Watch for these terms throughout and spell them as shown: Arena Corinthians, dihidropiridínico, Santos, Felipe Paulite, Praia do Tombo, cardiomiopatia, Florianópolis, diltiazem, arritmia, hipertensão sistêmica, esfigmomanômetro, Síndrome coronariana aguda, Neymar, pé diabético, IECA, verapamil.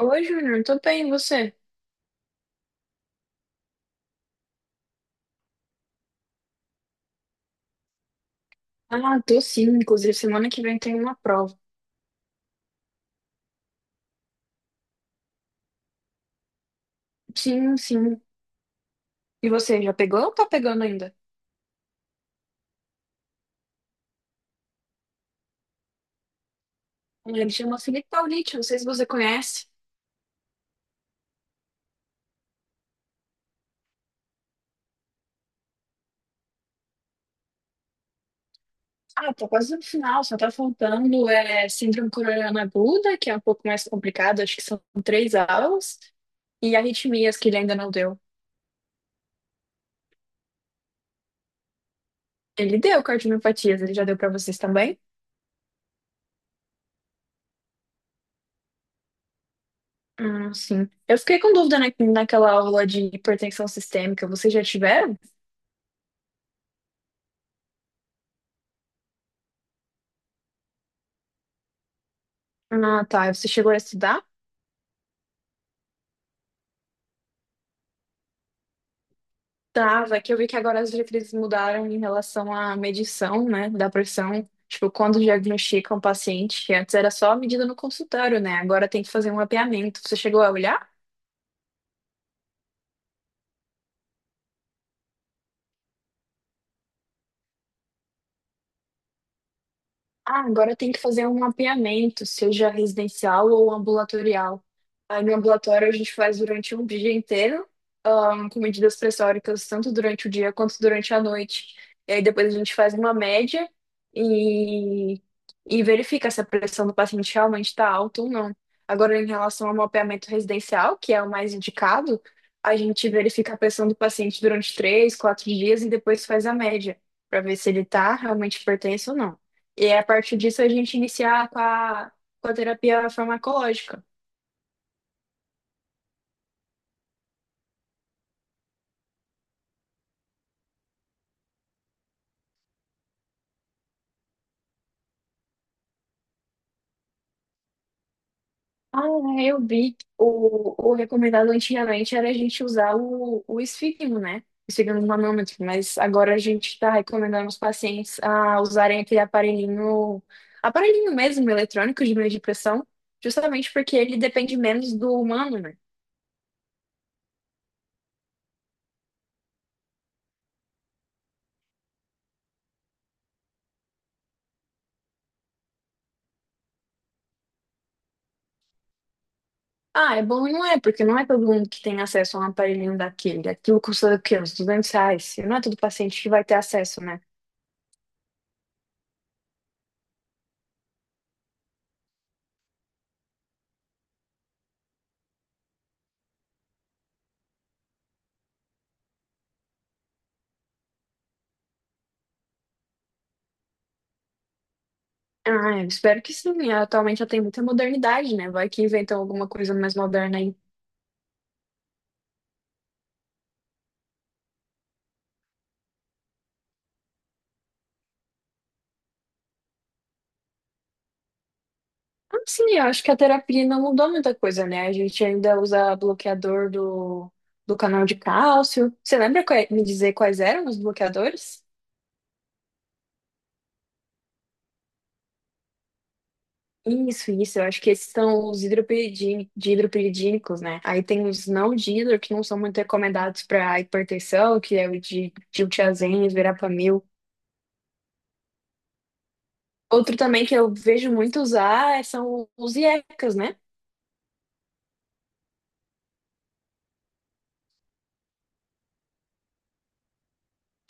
Oi, Júnior, tô bem, e você? Ah, tô sim, inclusive semana que vem tem uma prova. Sim, sim. E você, já pegou ou tá pegando ainda? Ele chama Felipe Paulite, não sei se você conhece. Ah, tô quase no final, só tá faltando Síndrome coronariana aguda, que é um pouco mais complicado, acho que são três aulas, e arritmias, que ele ainda não deu. Ele deu cardiomiopatias, ele já deu pra vocês também? Ah, sim. Eu fiquei com dúvida naquela aula de hipertensão sistêmica, vocês já tiveram? Ah, tá, você chegou a estudar? Tava, que eu vi que agora as diretrizes mudaram em relação à medição, né, da pressão. Tipo, quando diagnostica um paciente, que antes era só medida no consultório, né? Agora tem que fazer um mapeamento. Você chegou a olhar? Ah, agora tem que fazer um mapeamento, seja residencial ou ambulatorial. Aí no ambulatório a gente faz durante um dia inteiro, com medidas pressóricas, tanto durante o dia quanto durante a noite. E aí depois a gente faz uma média e, e verifica se a pressão do paciente realmente está alta ou não. Agora, em relação ao mapeamento residencial, que é o mais indicado, a gente verifica a pressão do paciente durante 3, 4 dias e depois faz a média, para ver se ele está realmente hipertenso ou não. E a partir disso a gente iniciar com a terapia farmacológica. Ah, é, eu vi. O recomendado antigamente era a gente usar o esfigmo, né? Esfigmo manômetro, mas agora a gente está recomendando os pacientes a usarem aquele aparelhinho, aparelhinho mesmo, eletrônico de meio de pressão, justamente porque ele depende menos do humano, né? Ah, é bom e não é, porque não é todo mundo que tem acesso a um aparelhinho daquele. Aquilo custa o quê? Uns R$ 200. E não é todo paciente que vai ter acesso, né? Ah, eu espero que sim. Atualmente já tem muita modernidade, né? Vai que inventam alguma coisa mais moderna aí. Ah, sim, eu acho que a terapia não mudou muita coisa, né? A gente ainda usa bloqueador do canal de cálcio. Você lembra me dizer quais eram os bloqueadores? Isso, isso. Eu acho que esses são os dihidropiridínicos, né? Aí tem os não dihidro, que não são muito recomendados para hipertensão, que é o de diltiazem, verapamil. Outro também que eu vejo muito usar são os IECAs, né?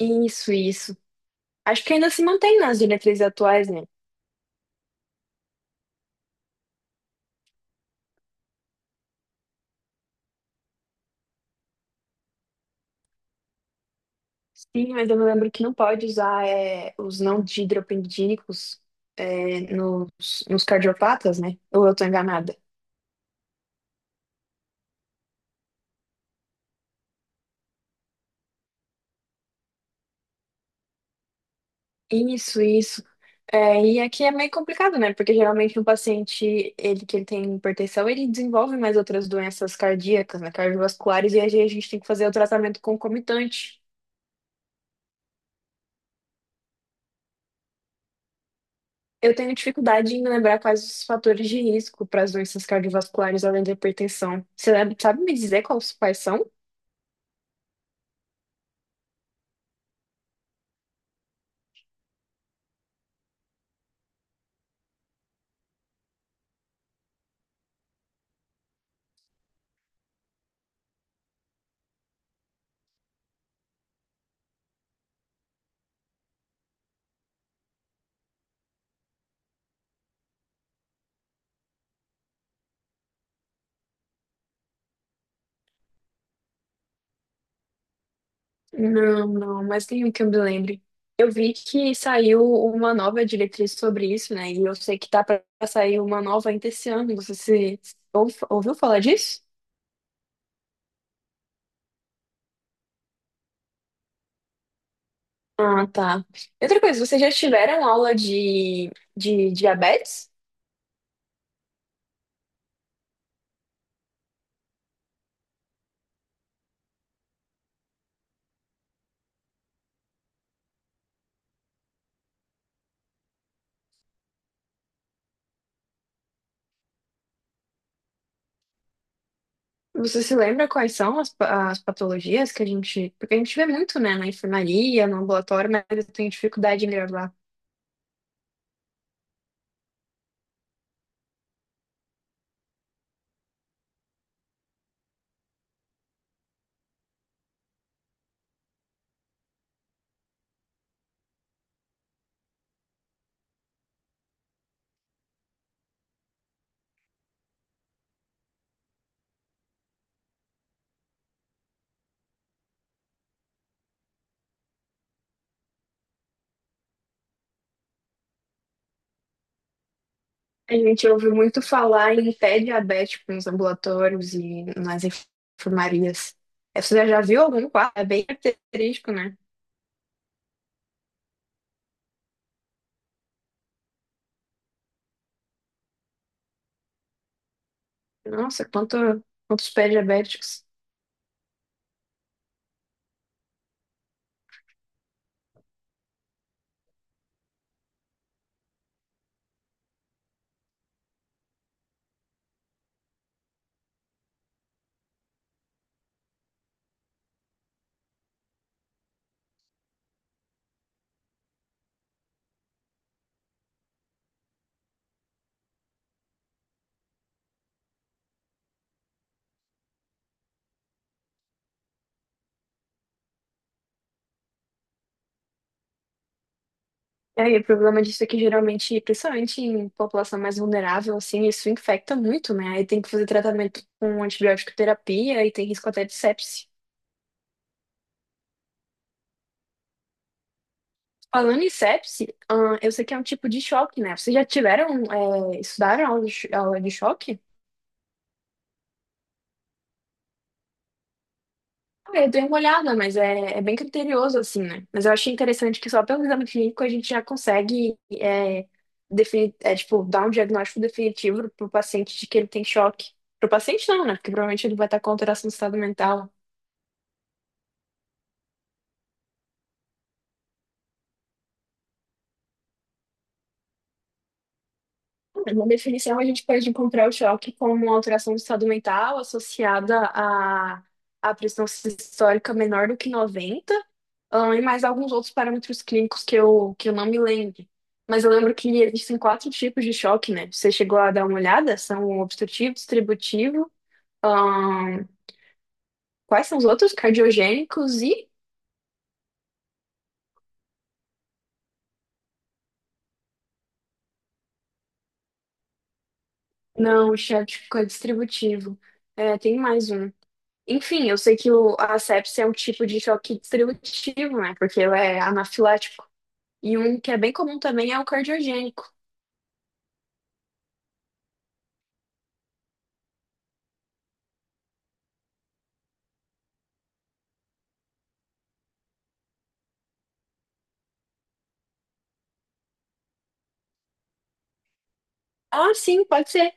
Isso, isso. Acho que ainda se mantém nas diretrizes atuais, né? Sim, mas eu me lembro que não pode usar os não didropendídicos é, nos, nos cardiopatas, né? Ou eu tô enganada? Isso, isso. É, e aqui é meio complicado, né? Porque geralmente um paciente, ele que ele tem hipertensão, ele desenvolve mais outras doenças cardíacas, né? Cardiovasculares, e aí a gente tem que fazer o tratamento concomitante. Eu tenho dificuldade em lembrar quais os fatores de risco para as doenças cardiovasculares além da hipertensão. Você sabe me dizer quais são? Não, não, mas nenhum que eu me lembre. Eu vi que saiu uma nova diretriz sobre isso, né? E eu sei que tá para sair uma nova ainda esse ano. Você se, ouv- ouviu falar disso? Ah, tá. E outra coisa, vocês já tiveram aula de diabetes? Você se lembra quais são as patologias que a gente. Porque a gente vê muito, né, na enfermaria, no ambulatório, mas eu tenho dificuldade em gravar. A gente ouve muito falar em pé diabético nos ambulatórios e nas enfermarias. Você já viu algum quadro? É bem característico, né? Nossa, quantos pés diabéticos. É, e aí, o problema disso é que geralmente, principalmente em população mais vulnerável, assim, isso infecta muito, né? Aí tem que fazer tratamento com antibiótico terapia e tem risco até de sepse. Falando em sepse, eu sei que é um tipo de choque, né? Vocês já tiveram, estudaram aula aula de choque? Ah, eu dei uma olhada, mas é bem criterioso, assim, né? Mas eu achei interessante que só pelo exame clínico a gente já consegue, tipo, dar um diagnóstico definitivo pro paciente de que ele tem choque. Pro paciente não, né? Porque provavelmente ele vai estar com alteração do estado mental. Na definição, a gente pode encontrar o choque como uma alteração do estado mental associada a pressão sistólica menor do que 90. Ah, e mais alguns outros parâmetros clínicos que eu não me lembro. Mas eu lembro que existem quatro tipos de choque, né? Você chegou a dar uma olhada? São o obstrutivo, distributivo. ahn, Quais são os outros? Cardiogênicos e. Não, o choque é distributivo. É, tem mais um. Enfim, eu sei que a sepsia é um tipo de choque distributivo, né? Porque ela é anafilático. E um que é bem comum também é o cardiogênico. Ah, sim, pode ser.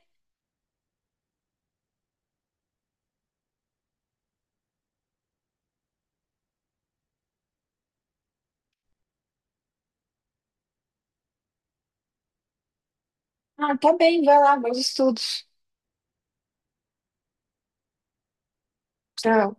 Ah, tá bem, vai lá, bons estudos. Tchau.